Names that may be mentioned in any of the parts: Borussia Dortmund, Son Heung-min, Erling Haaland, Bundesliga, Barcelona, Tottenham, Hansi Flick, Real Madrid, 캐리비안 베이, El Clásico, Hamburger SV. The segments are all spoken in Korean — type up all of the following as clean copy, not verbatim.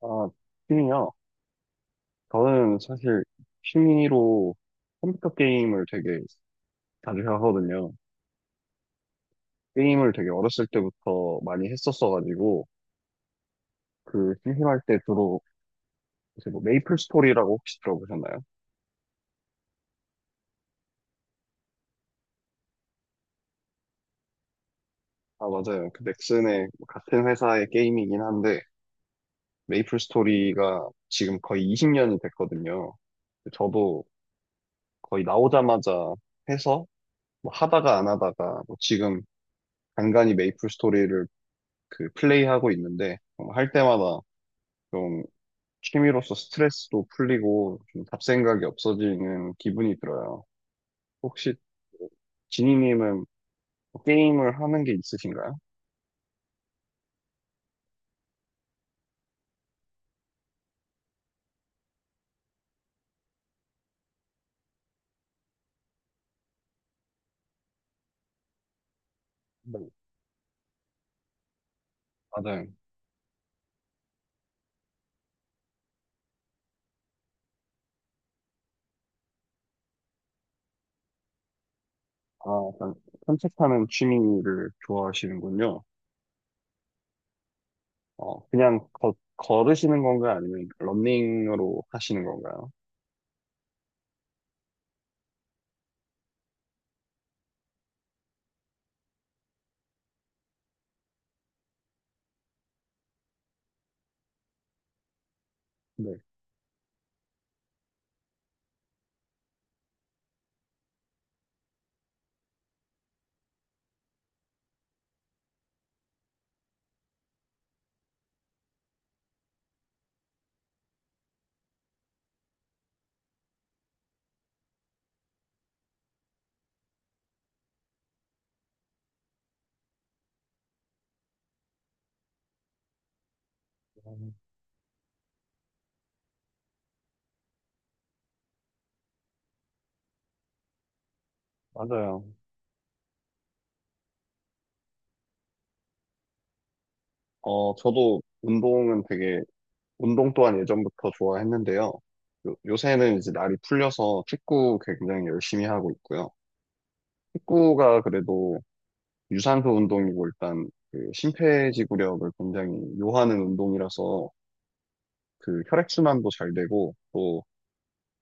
아, 취미요? 저는 사실 취미로 컴퓨터 게임을 되게 자주 하거든요. 게임을 되게 어렸을 때부터 많이 했었어가지고, 그 심심할 때 주로 이제 뭐 메이플 스토리라고 혹시 들어보셨나요? 아, 맞아요. 그 넥슨의 뭐 같은 회사의 게임이긴 한데, 메이플 스토리가 지금 거의 20년이 됐거든요. 저도 거의 나오자마자 해서 뭐 하다가 안 하다가 뭐 지금 간간히 메이플 스토리를 그 플레이하고 있는데 할 때마다 좀 취미로서 스트레스도 풀리고 좀 잡생각이 없어지는 기분이 들어요. 혹시 지니님은 게임을 하는 게 있으신가요? 네, 맞아요. 아, 약간 산책하는 취미를 좋아하시는군요. 어, 그냥 걸으시는 건가요? 아니면 러닝으로 하시는 건가요? 네, 음, 맞아요. 어, 저도 운동 또한 예전부터 좋아했는데요. 요새는 이제 날이 풀려서 축구 굉장히 열심히 하고 있고요. 축구가 그래도 유산소 운동이고 일단 그 심폐지구력을 굉장히 요하는 운동이라서 그 혈액순환도 잘 되고 또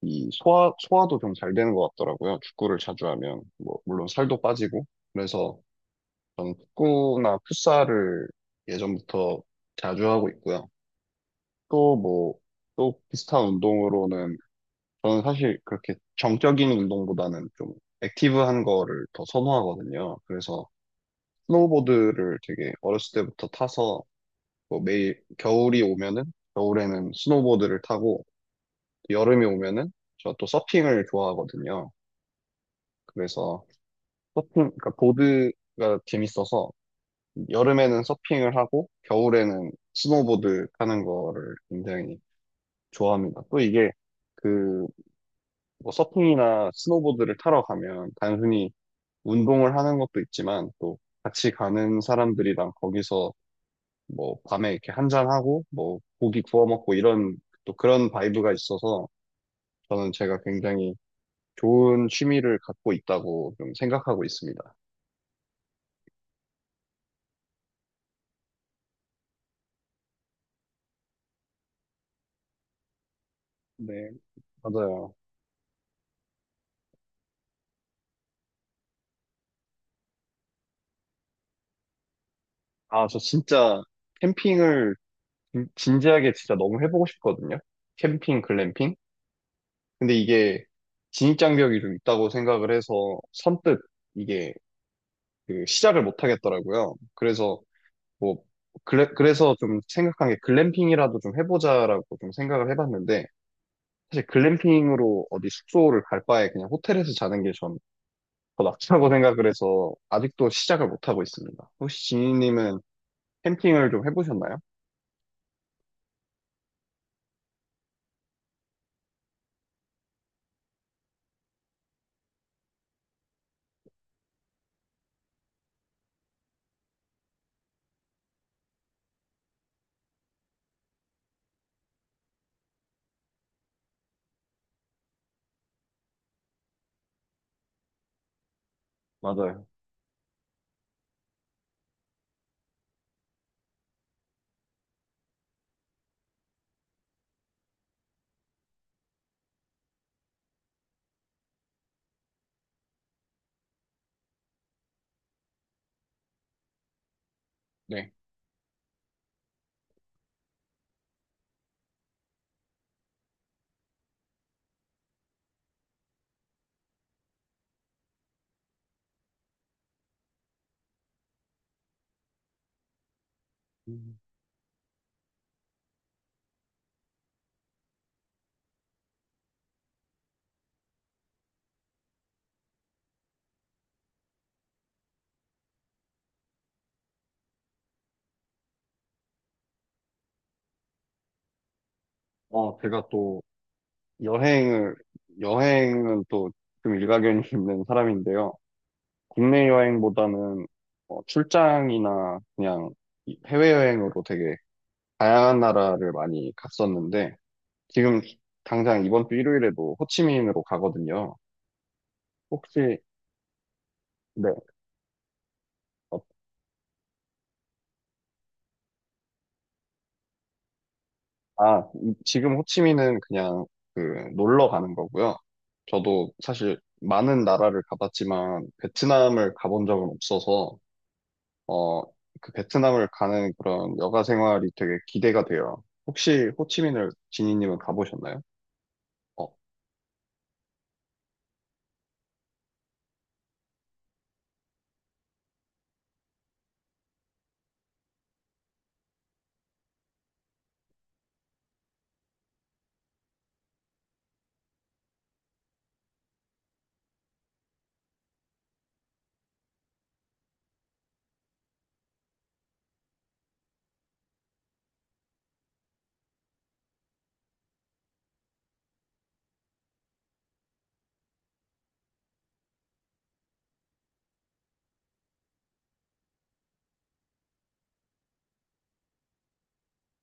이 소화도 좀 잘 되는 것 같더라고요. 축구를 자주 하면. 뭐, 물론 살도 빠지고. 그래서 저는 축구나 풋살을 예전부터 자주 하고 있고요. 또 뭐, 또 비슷한 운동으로는 저는 사실 그렇게 정적인 운동보다는 좀 액티브한 거를 더 선호하거든요. 그래서 스노우보드를 되게 어렸을 때부터 타서 뭐 매일 겨울이 오면은 겨울에는 스노우보드를 타고 여름이 오면은 저 또 서핑을 좋아하거든요. 그래서 서핑, 그러니까 보드가 재밌어서 여름에는 서핑을 하고 겨울에는 스노우보드 타는 거를 굉장히 좋아합니다. 또 이게 그 뭐 서핑이나 스노보드를 타러 가면 단순히 운동을 하는 것도 있지만 또 같이 가는 사람들이랑 거기서 뭐 밤에 이렇게 한잔하고 뭐 고기 구워 먹고 이런 또 그런 바이브가 있어서 저는 제가 굉장히 좋은 취미를 갖고 있다고 좀 생각하고 있습니다. 네, 맞아요. 아, 저 진짜 캠핑을 진지하게 진짜 너무 해보고 싶거든요. 캠핑, 글램핑. 근데 이게 진입장벽이 좀 있다고 생각을 해서 선뜻 이게 그 시작을 못 하겠더라고요. 그래서 뭐, 그래, 그래서 좀 생각한 게 글램핑이라도 좀 해보자라고 좀 생각을 해봤는데, 사실 글램핑으로 어디 숙소를 갈 바에 그냥 호텔에서 자는 게 전 더 낫다고 생각을 해서 아직도 시작을 못하고 있습니다. 혹시 지니님은 캠핑을 좀 해보셨나요? 맞아요. 네. 음. 어, 제가 또 여행을, 여행은 또 좀 일가견이 있는 사람인데요. 국내 여행보다는 어, 출장이나 그냥 해외여행으로 되게 다양한 나라를 많이 갔었는데, 지금 당장 이번 주 일요일에도 호치민으로 가거든요. 혹시, 네, 어, 아, 지금 호치민은 그냥 그 놀러 가는 거고요. 저도 사실 많은 나라를 가봤지만, 베트남을 가본 적은 없어서, 어, 그 베트남을 가는 그런 여가 생활이 되게 기대가 돼요. 혹시 호치민을 지니님은 가보셨나요? 어,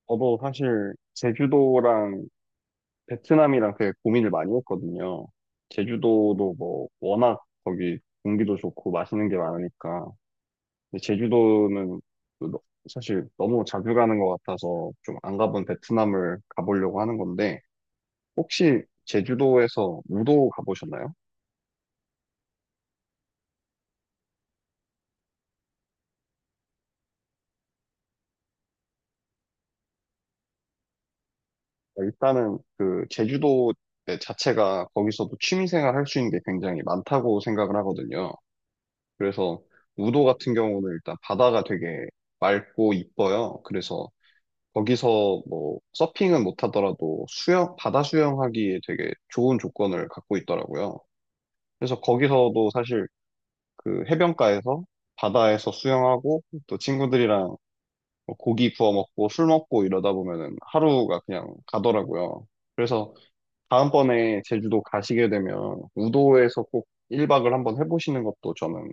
저도 사실 제주도랑 베트남이랑 되게 고민을 많이 했거든요. 제주도도 뭐 워낙 거기 공기도 좋고 맛있는 게 많으니까. 근데 제주도는 또 사실 너무 자주 가는 것 같아서 좀 안 가본 베트남을 가보려고 하는 건데 혹시 제주도에서 우도 가보셨나요? 그러니까 일단은 그 제주도 네, 자체가 거기서도 취미생활 할 수 있는 게 굉장히 많다고 생각을 하거든요. 그래서 우도 같은 경우는 일단 바다가 되게 맑고 이뻐요. 그래서 거기서 뭐 서핑은 못하더라도 수영, 바다 수영하기에 되게 좋은 조건을 갖고 있더라고요. 그래서 거기서도 사실 그 해변가에서 바다에서 수영하고 또 친구들이랑 뭐 고기 구워 먹고 술 먹고 이러다 보면은 하루가 그냥 가더라고요. 그래서 다음번에 제주도 가시게 되면 우도에서 꼭 1박을 한번 해보시는 것도 저는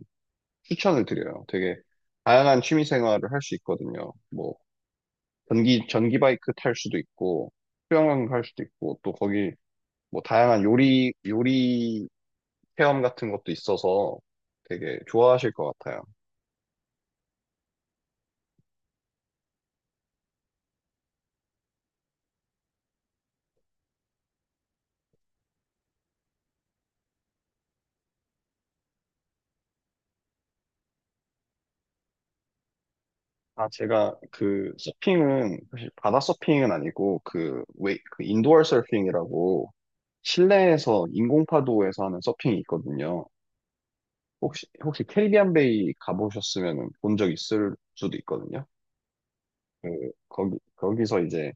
추천을 드려요. 되게 다양한 취미 생활을 할 수 있거든요. 뭐 전기 바이크 탈 수도 있고, 수영을 할 수도 있고, 또 거기 뭐 다양한 요리 체험 같은 것도 있어서 되게 좋아하실 것 같아요. 아, 제가 그 서핑은, 사실 바다 서핑은 아니고, 그 인도어 서핑이라고 실내에서 인공파도에서 하는 서핑이 있거든요. 혹시 캐리비안 베이 가보셨으면 본 적 있을 수도 있거든요. 그, 거기서 이제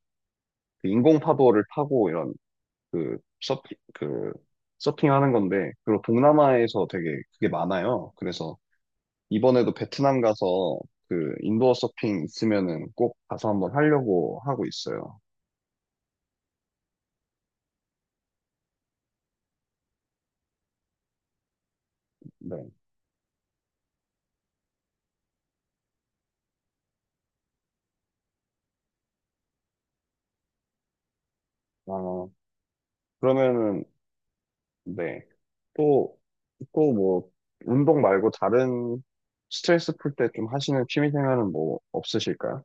그 인공파도를 타고 이런 그 서핑 그 서핑하는 건데 그리고 동남아에서 되게 그게 많아요. 그래서 이번에도 베트남 가서 그 인도어 서핑 있으면은 꼭 가서 한번 하려고 하고 있어요. 네. 어, 그러면은 네. 또 또 뭐 운동 말고 다른 스트레스 풀 때 좀 하시는 취미 생활은 뭐 없으실까요?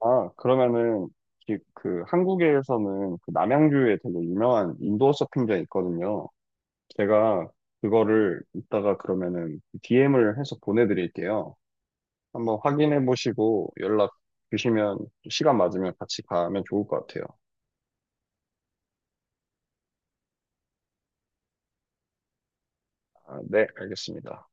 아, 그러면은 그 한국에서는 그 남양주에 되게 유명한 인도어 서핑장 있거든요. 제가 그거를 이따가 그러면은 DM을 해서 보내드릴게요. 한번 확인해 보시고 연락 주시면 시간 맞으면 같이 가면 좋을 것 같아요. 아, 네, 알겠습니다.